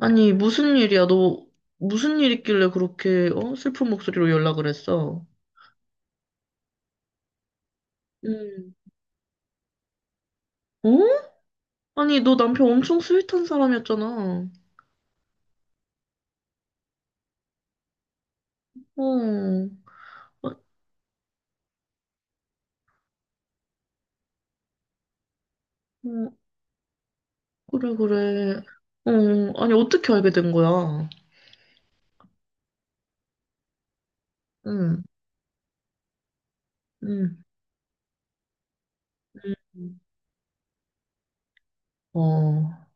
아니, 무슨 일이야? 너 무슨 일 있길래 그렇게 슬픈 목소리로 연락을 했어? 음, 어? 아니, 너 남편 엄청 스윗한 사람이었잖아. 어, 아, 어, 그래, 그래. 어, 아니, 어떻게 알게 된 거야? 응, 응, 응 어,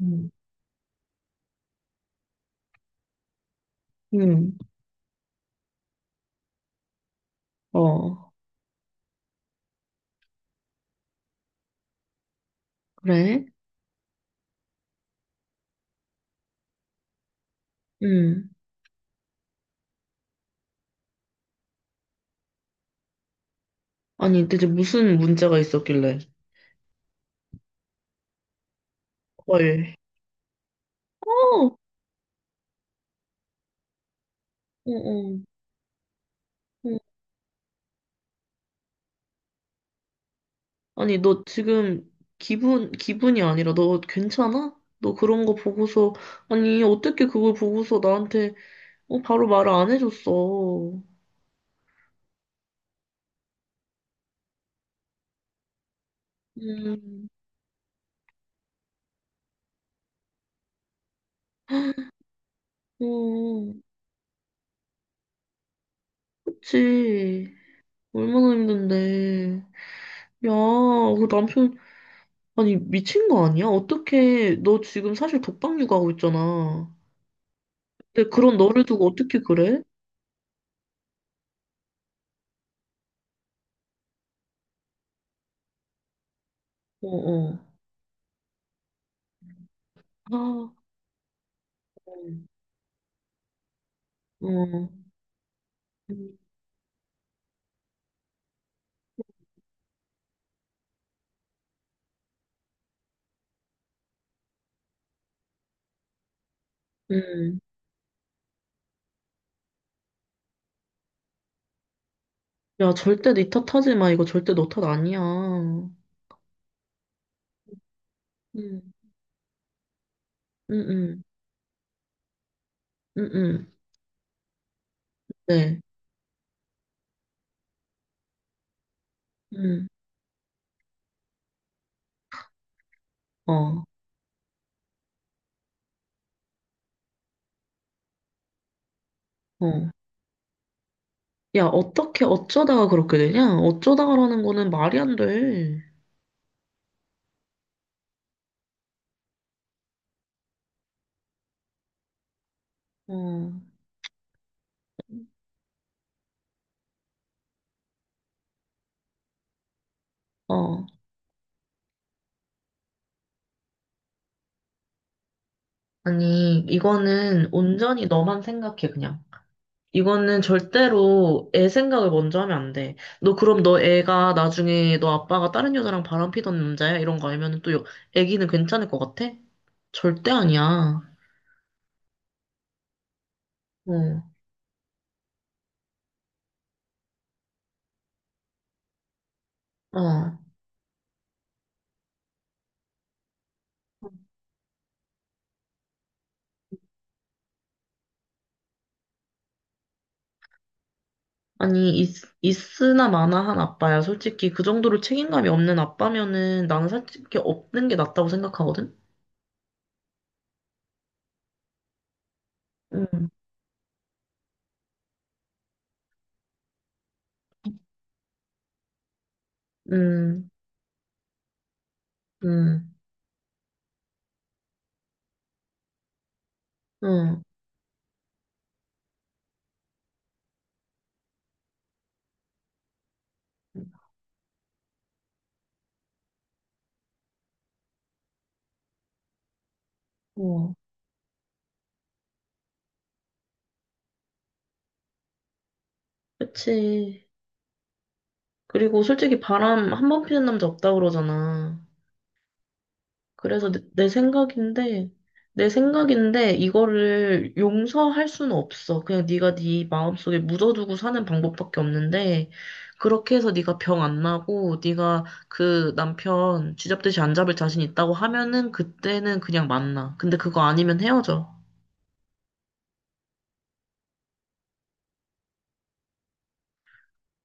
응, 응, 어, 그래? 응. 아니, 대체 무슨 문제가 있었길래? 헐. 어, 어, 어. 아니, 너 지금 기분이 아니라 너 괜찮아? 너 그런 거 보고서, 아니, 어떻게 그걸 보고서 나한테, 어, 바로 말을 안 해줬어. 음, 어, 그치. 얼마나 힘든데. 야, 그 남편, 아니, 미친 거 아니야? 어떻게, 너 지금 사실 독박 육아하고 있잖아. 근데 그런 너를 두고 어떻게 그래? 어, 어. 아, 어, 어. 음, 음, 야, 절대 네 탓 하지 마. 이거 절대 너 탓 아니야. 응, 응, 응, 응, 응. 네. 응, 어, 어. 야, 어떻게, 어쩌다가 그렇게 되냐? 어쩌다가라는 거는 말이 안 돼. 어, 어. 아니, 이거는 온전히 너만 생각해, 그냥. 이거는 절대로 애 생각을 먼저 하면 안 돼. 너 그럼 너 애가 나중에 너 아빠가 다른 여자랑 바람 피던 남자야? 이런 거 알면 애기는 괜찮을 것 같아? 절대 아니야. 어. 어. 아니, 있, 있으나 마나 한 아빠야. 솔직히 그 정도로 책임감이 없는 아빠면은 나는 솔직히 없는 게 낫다고 생각하거든? 응, 응, 응, 응. 어, 그치. 그리고 솔직히 바람 한 번 피는 남자 없다 그러잖아. 내 생각인데, 내 생각인데 이거를 용서할 수는 없어. 그냥 네가 네 마음속에 묻어두고 사는 방법밖에 없는데 그렇게 해서 네가 병 안 나고 네가 그 남편 쥐잡듯이 안 잡을 자신 있다고 하면은 그때는 그냥 만나. 근데 그거 아니면 헤어져.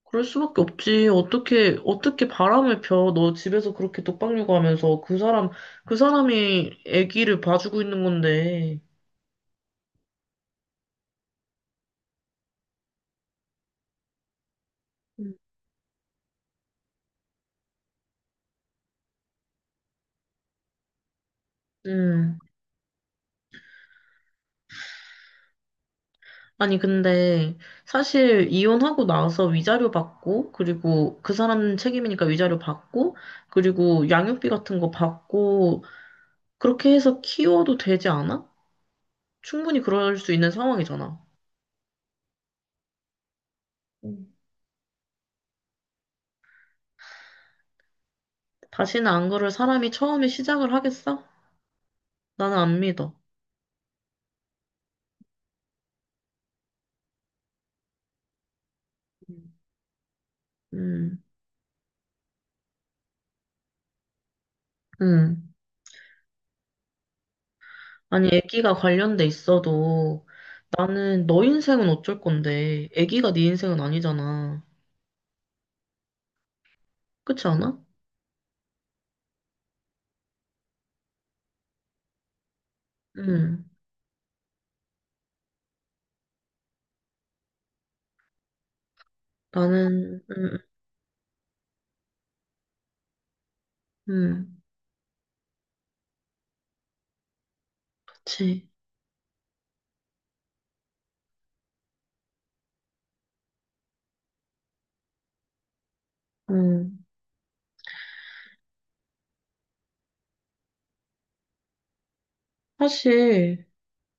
그럴 수밖에 없지. 어떻게 어떻게 바람을 펴? 너 집에서 그렇게 독박 육아하면서 그 사람 그 사람이 아기를 봐주고 있는 건데. 음. 음. 아니, 근데 사실 이혼하고 나서 위자료 받고, 그리고 그 사람 책임이니까 위자료 받고, 그리고 양육비 같은 거 받고, 그렇게 해서 키워도 되지 않아? 충분히 그럴 수 있는 상황이잖아. 음, 다시는 안 그럴 사람이 처음에 시작을 하겠어? 나는 안 믿어. 음. 음, 음. 아니, 애기가 관련돼 있어도 나는 너 인생은 어쩔 건데, 애기가 네 인생은 아니잖아. 그렇지 않아? 음, 나는, 음, 그치. 음. 사실,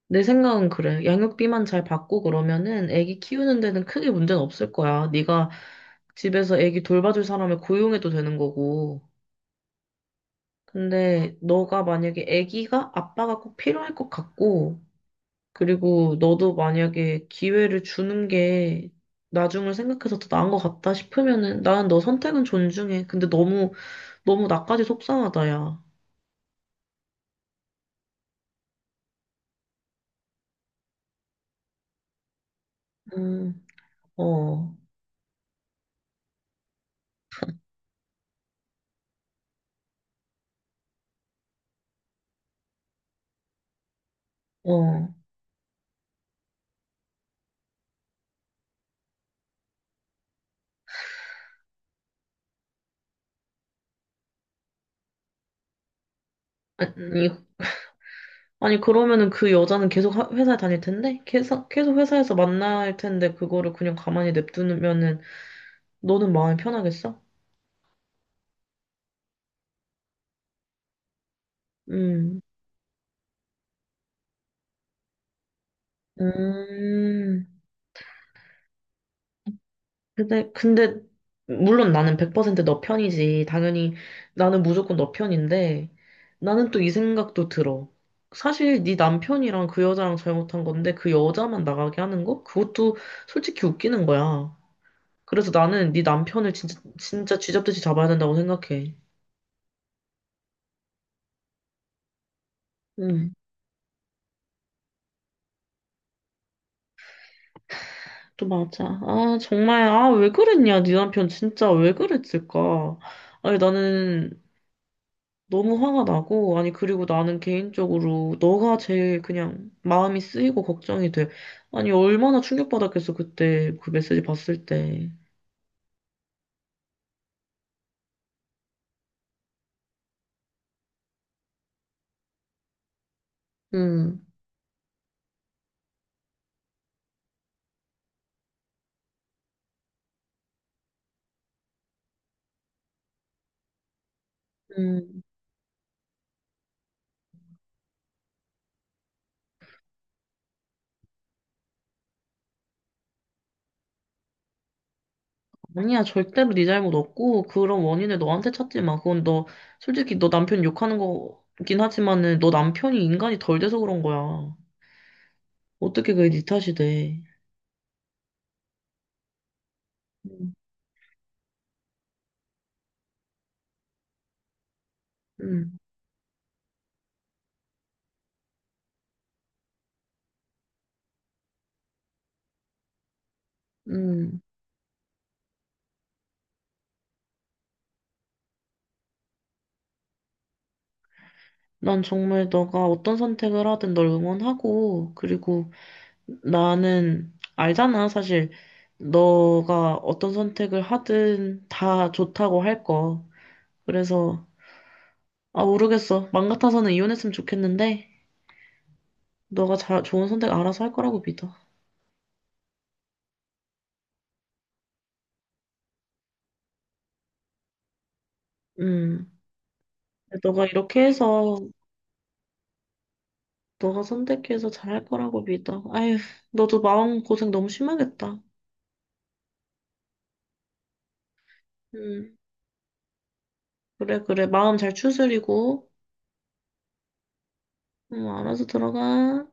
내 생각은 그래. 양육비만 잘 받고 그러면은 애기 키우는 데는 크게 문제는 없을 거야. 네가 집에서 애기 돌봐줄 사람을 고용해도 되는 거고. 근데 너가 만약에 애기가 아빠가 꼭 필요할 것 같고, 그리고 너도 만약에 기회를 주는 게 나중을 생각해서 더 나은 것 같다 싶으면은 나는 너 선택은 존중해. 근데 너무, 너무 나까지 속상하다, 야. 음, 어, 어. 아니, 아니, 그러면은 회사에 다닐 텐데? 계속, 계속 회사에서 만날 텐데, 그거를 그냥 가만히 냅두면은, 너는 마음이 편하겠어? 음, 음. 근데, 물론 나는 100% 너 편이지. 당연히, 나는 무조건 너 편인데, 나는 또 이 생각도 들어. 사실 네 남편이랑 그 여자랑 잘못한 건데, 그 여자만 나가게 하는 거? 그것도 솔직히 웃기는 거야. 그래서 나는 네 남편을 진짜, 진짜 쥐잡듯이 잡아야 된다고 생각해. 음. 또 맞아. 아, 정말, 아, 왜 그랬냐. 네 남편 진짜 왜 그랬을까. 아니, 나는 너무 화가 나고, 아니, 그리고 나는 개인적으로 너가 제일 그냥 마음이 쓰이고 걱정이 돼. 아니, 얼마나 충격받았겠어, 그때 그 메시지 봤을 때. 음, 음, 아니야, 절대로 네 잘못 없고, 그런 원인을 너한테 찾지 마. 그건 너, 솔직히 너 남편 욕하는 거긴 하지만은, 너 남편이 인간이 덜 돼서 그런 거야. 어떻게 그게 네 탓이 돼. 음. 음. 음, 난 정말 너가 어떤 선택을 하든 널 응원하고, 그리고 나는 알잖아, 사실. 너가 어떤 선택을 하든 다 좋다고 할 거. 그래서, 아, 모르겠어. 맘 같아서는 이혼했으면 좋겠는데, 좋은 선택 알아서 할 거라고 믿어. 음. 너가 이렇게 해서, 너가 선택해서 잘 할 거라고 믿어. 아휴, 너도 마음 고생 너무 심하겠다. 음. 그래, 그래. 마음 잘 추스리고, 알아서 들어가.